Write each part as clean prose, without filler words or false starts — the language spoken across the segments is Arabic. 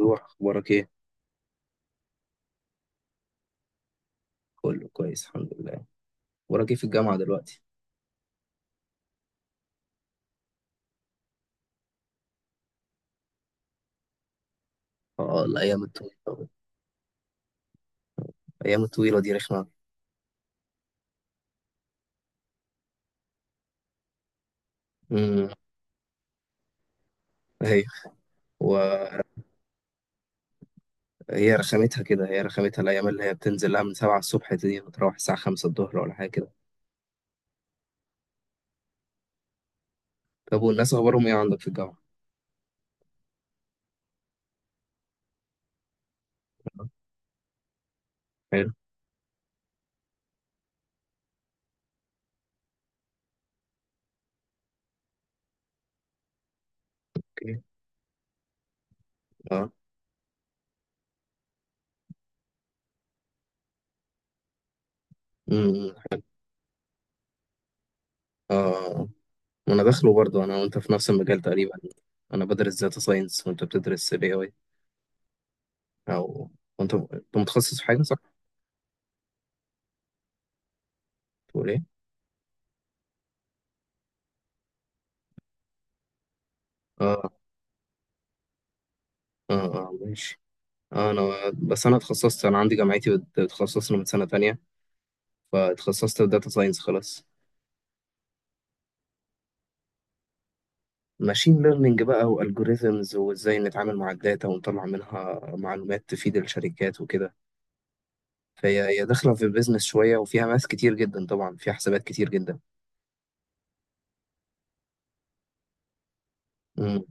روح اخبارك ايه؟ كله كويس الحمد لله. اخبارك ايه في الجامعه دلوقتي؟ اه، الايام الطويله. الايام الطويله دي رخمه. امم ايوه. وهي رخامتها كده، هي رخامتها الايام اللي هي بتنزل لها من 7 الصبح دي وتروح الساعه 5 الظهر ولا حاجه كده. طب والناس اخبارهم ايه عندك في الجامعه؟ حلو. اوكي. اه. حلو. اه، وانا داخله برضه، انا وانت في نفس المجال تقريبا. انا بدرس داتا ساينس وانت بتدرس الاي اي، او، وانت انت متخصص في حاجه صح؟ تقول ايه؟ اه، اه، اه ماشي. اه، انا بس انا اتخصصت، انا عندي جامعتي بتخصصنا من سنه تانية، فاتخصصت في داتا ساينس خلاص. ماشين ليرنينج بقى والجوريزمز، وازاي نتعامل مع الداتا ونطلع منها معلومات تفيد الشركات وكده. فهي داخله في البيزنس شويه، وفيها ماس كتير جدا، طبعا فيها حسابات كتير جدا. امم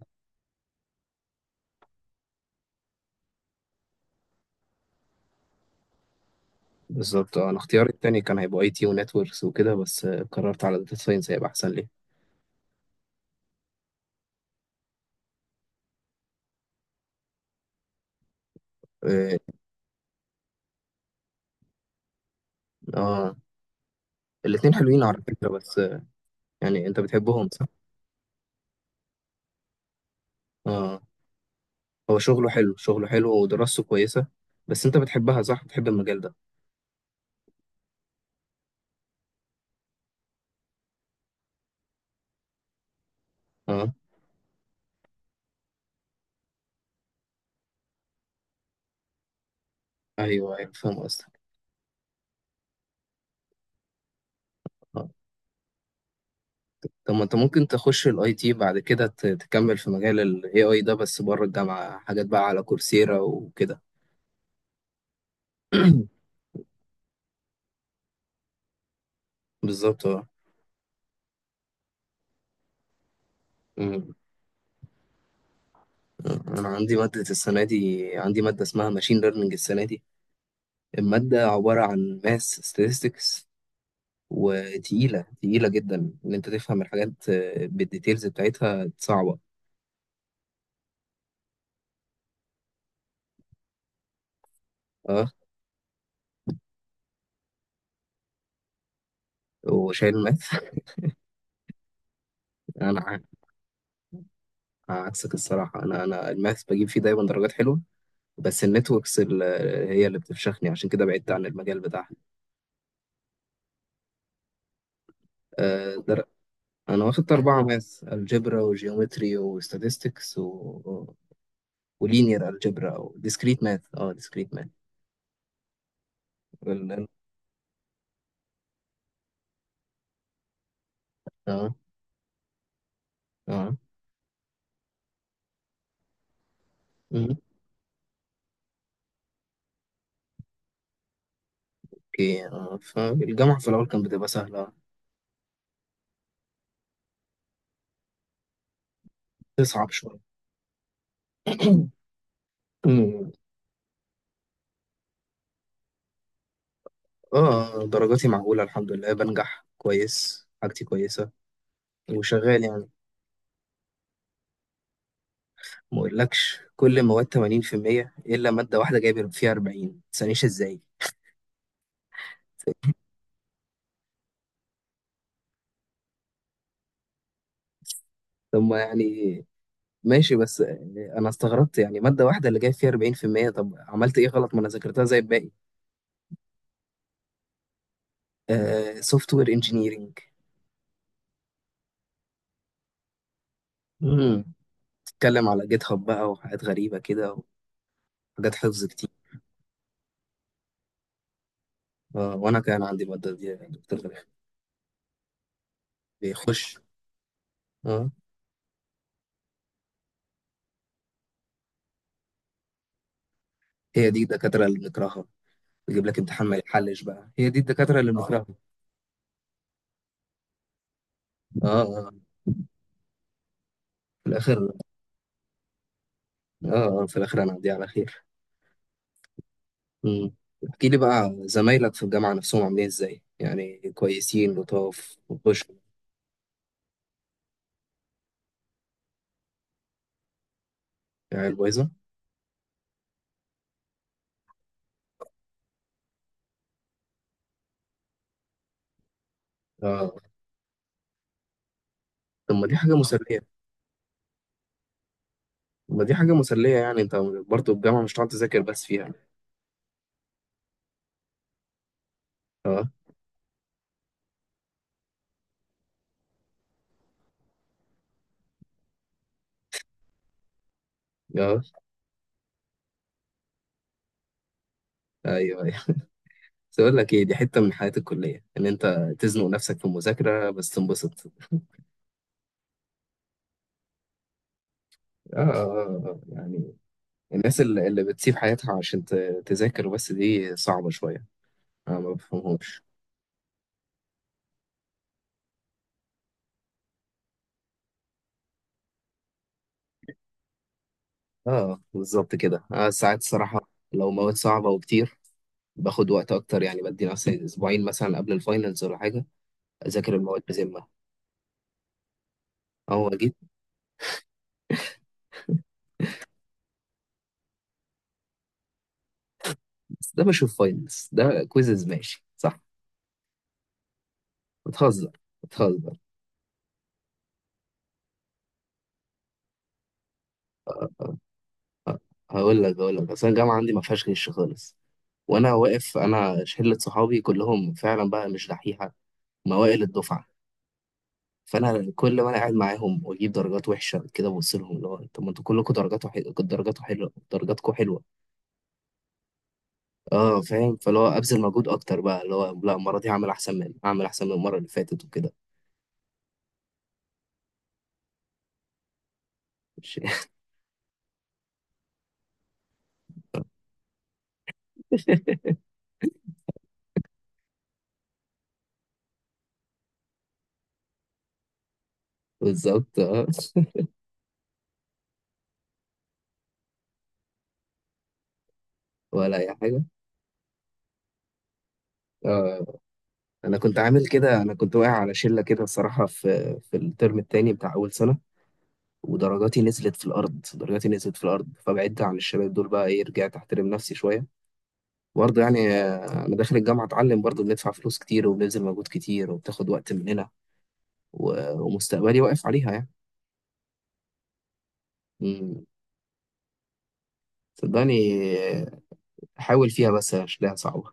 بالظبط. انا اختياري التاني كان هيبقى اي تي ونتوركس وكده، بس قررت على داتا ساينس، هيبقى احسن لي. اه، آه، الاتنين حلوين على فكره، بس يعني انت بتحبهم صح؟ اه. هو شغله حلو، شغله حلو ودراسته كويسة، بس انت بتحبها صح، بتحب المجال ده؟ اه. ايوه ايوه، فاهم قصدك. اه، طب ما انت ممكن تخش الاي تي، بعد كده تكمل في مجال الاي اي ده بس بره الجامعة، حاجات بقى على كورسيرا وكده. بالظبط اه. أمم. انا عندي مادة السنة دي، عندي مادة اسمها ماشين ليرنينج السنة دي. المادة عبارة عن ماس ستاتستكس، وتقيلة تقيلة جدا، ان انت تفهم الحاجات بالديتيلز بتاعتها صعبة. اه، وشايل ماث. انا عكسك الصراحة، أنا الماث بجيب فيه دايما درجات حلوة، بس هي اللي بتفشخني، عشان كده بعدت عن المجال بتاعها. أه در... أنا واخدت أربعة ماث، الجبرا وجيومتري وستاتستكس ولينير الجبرا، أو ديسكريت ماث، أه ديسكريت ماث. ال... أه. أه. مم. أوكي أه، فالجامعة في الأول كانت بتبقى سهلة، تصعب شوية. مم. اه درجاتي معقولة، الحمد لله بنجح كويس، حاجتي كويسة وشغال يعني. ما اقولكش، كل المواد 80% الا ماده واحده جايب فيها 40، ما تسألنيش ازاي. طب ما يعني ماشي، بس انا استغربت يعني، ماده واحده اللي جايب فيها 40%، طب عملت ايه غلط، ما انا ذاكرتها زي الباقي. سوفت وير انجينيرنج. بتتكلم على جيت هاب بقى، وحاجات غريبه كده، وحاجات حفظ كتير. آه، وانا كان عندي الماده دي يا دكتور غريب. بيخش. اه، هي دي الدكاتره اللي بنكرهها، يجيب لك امتحان ما يتحلش بقى، هي دي الدكاتره اللي بنكرهها. اه، اه. آه. في الاخر. اه، في الاخر انا على خير. مم. احكي لي بقى، زمايلك في الجامعة نفسهم عاملين ازاي، يعني كويسين لطاف وبش؟ يعني الويزة. اه، طب ما دي حاجة مسلية. طب ما دي حاجة مسلية يعني، انت برضه الجامعة مش هتقعد تذاكر بس فيها. اه، اه. ايوه ايوه، بس اقول لك ايه، دي حتة من حياة الكلية، ان انت تزنق نفسك في المذاكرة بس، تنبسط. اه، اه، آه. يعني الناس اللي بتسيب حياتها عشان تذاكر بس، دي صعبة شوية، انا ما بفهمهمش. اه بالظبط كده، آه ساعات الصراحة لو مواد صعبة وكتير، باخد وقت اكتر، يعني بدي نفسي اسبوعين مثلا قبل الفاينلز ولا حاجه، اذاكر المواد بذمه. اول ما جيت. بس ده بشوف، فاينلز ده كويزز، ماشي صح؟ بتهزر، بتهزر. هقول لك، هقول لك، اصل الجامعه عندي ما فيهاش غش خالص، وانا واقف انا شله صحابي كلهم فعلا بقى مش دحيحه، موائل الدفعه. فانا كل ما انا قاعد معاهم واجيب درجات وحشه كده، ببص لهم اللي هو، طب ما انتوا كلكم درجاتكم حلوه، درجاتكم حلوه، درجاتكم حلوه. اه فاهم، فاللي هو ابذل مجهود اكتر بقى، اللي هو لا، المره دي هعمل احسن من، هعمل احسن من المره اللي فاتت وكده. مش- بالظبط اه. ولا اي حاجه. اه، انا كنت عامل كده، انا كنت واقع على شله كده الصراحه، في الترم التاني بتاع اول سنه، ودرجاتي نزلت في الارض، درجاتي نزلت في الارض، فبعدت عن الشباب دول بقى، ايه، رجعت احترم نفسي شويه. برضه يعني انا داخل الجامعه اتعلم، برضه بندفع فلوس كتير، وبنبذل مجهود كتير، وبتاخد وقت مننا، ومستقبلي واقف عليها يعني. مم. صدقني آه، حاول فيها، بس هتلاقيها صعبه،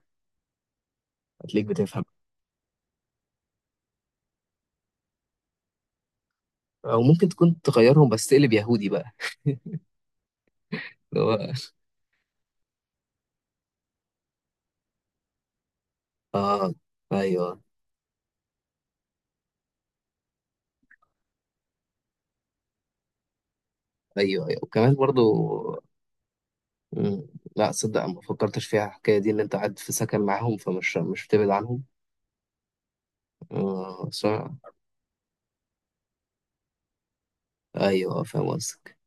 هتلاقيك بتفهم. او ممكن تكون تغيرهم بس تقلب يهودي بقى. اللي هو اه. ايوه ايوه. ايوه وكمان برضو. مم. لا صدق، ما فكرتش فيها الحكايه دي، ان انت قاعد في سكن معاهم، فمش مش بتبعد عنهم. آه صح. ايوه، فاهم قصدك.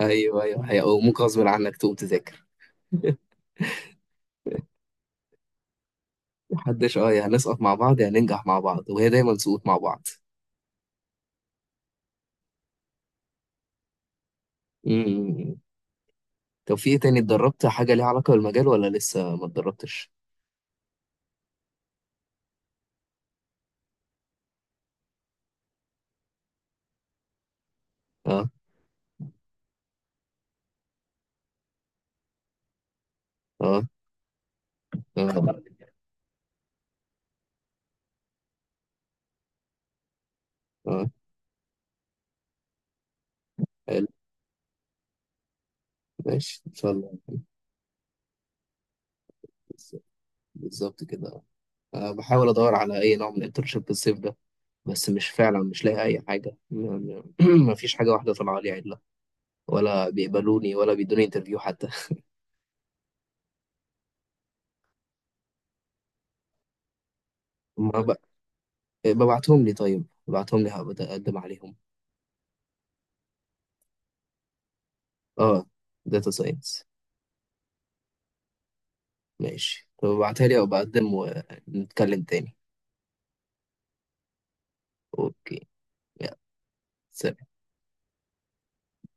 ايوه ايوه، هي وممكن غصب عنك تقوم تذاكر. محدش. اه، يا هنسقط مع بعض يا هننجح مع بعض، وهي دايما سقوط مع بعض. امم طب في ايه تاني؟ اتدربت حاجه ليها علاقه بالمجال ولا لسه ما اتدربتش؟ اه، اه، اه، اه. حلو، ماشي ان شاء الله. بالظبط كده. أه بحاول ادور على اي نوع من الانترنشيب الصيف ده، بس مش، فعلا مش لاقي اي حاجه، ما فيش حاجه واحده طالعه لي عدله، ولا بيقبلوني ولا بيدوني انترفيو حتى. ما ب... ببعتهم لي، طيب ببعتهم لي هبقى اقدم عليهم. اه، داتا ساينس. ماشي، طب ابعتها لي او بقدم ونتكلم تاني. اوكي. يلا، سلام.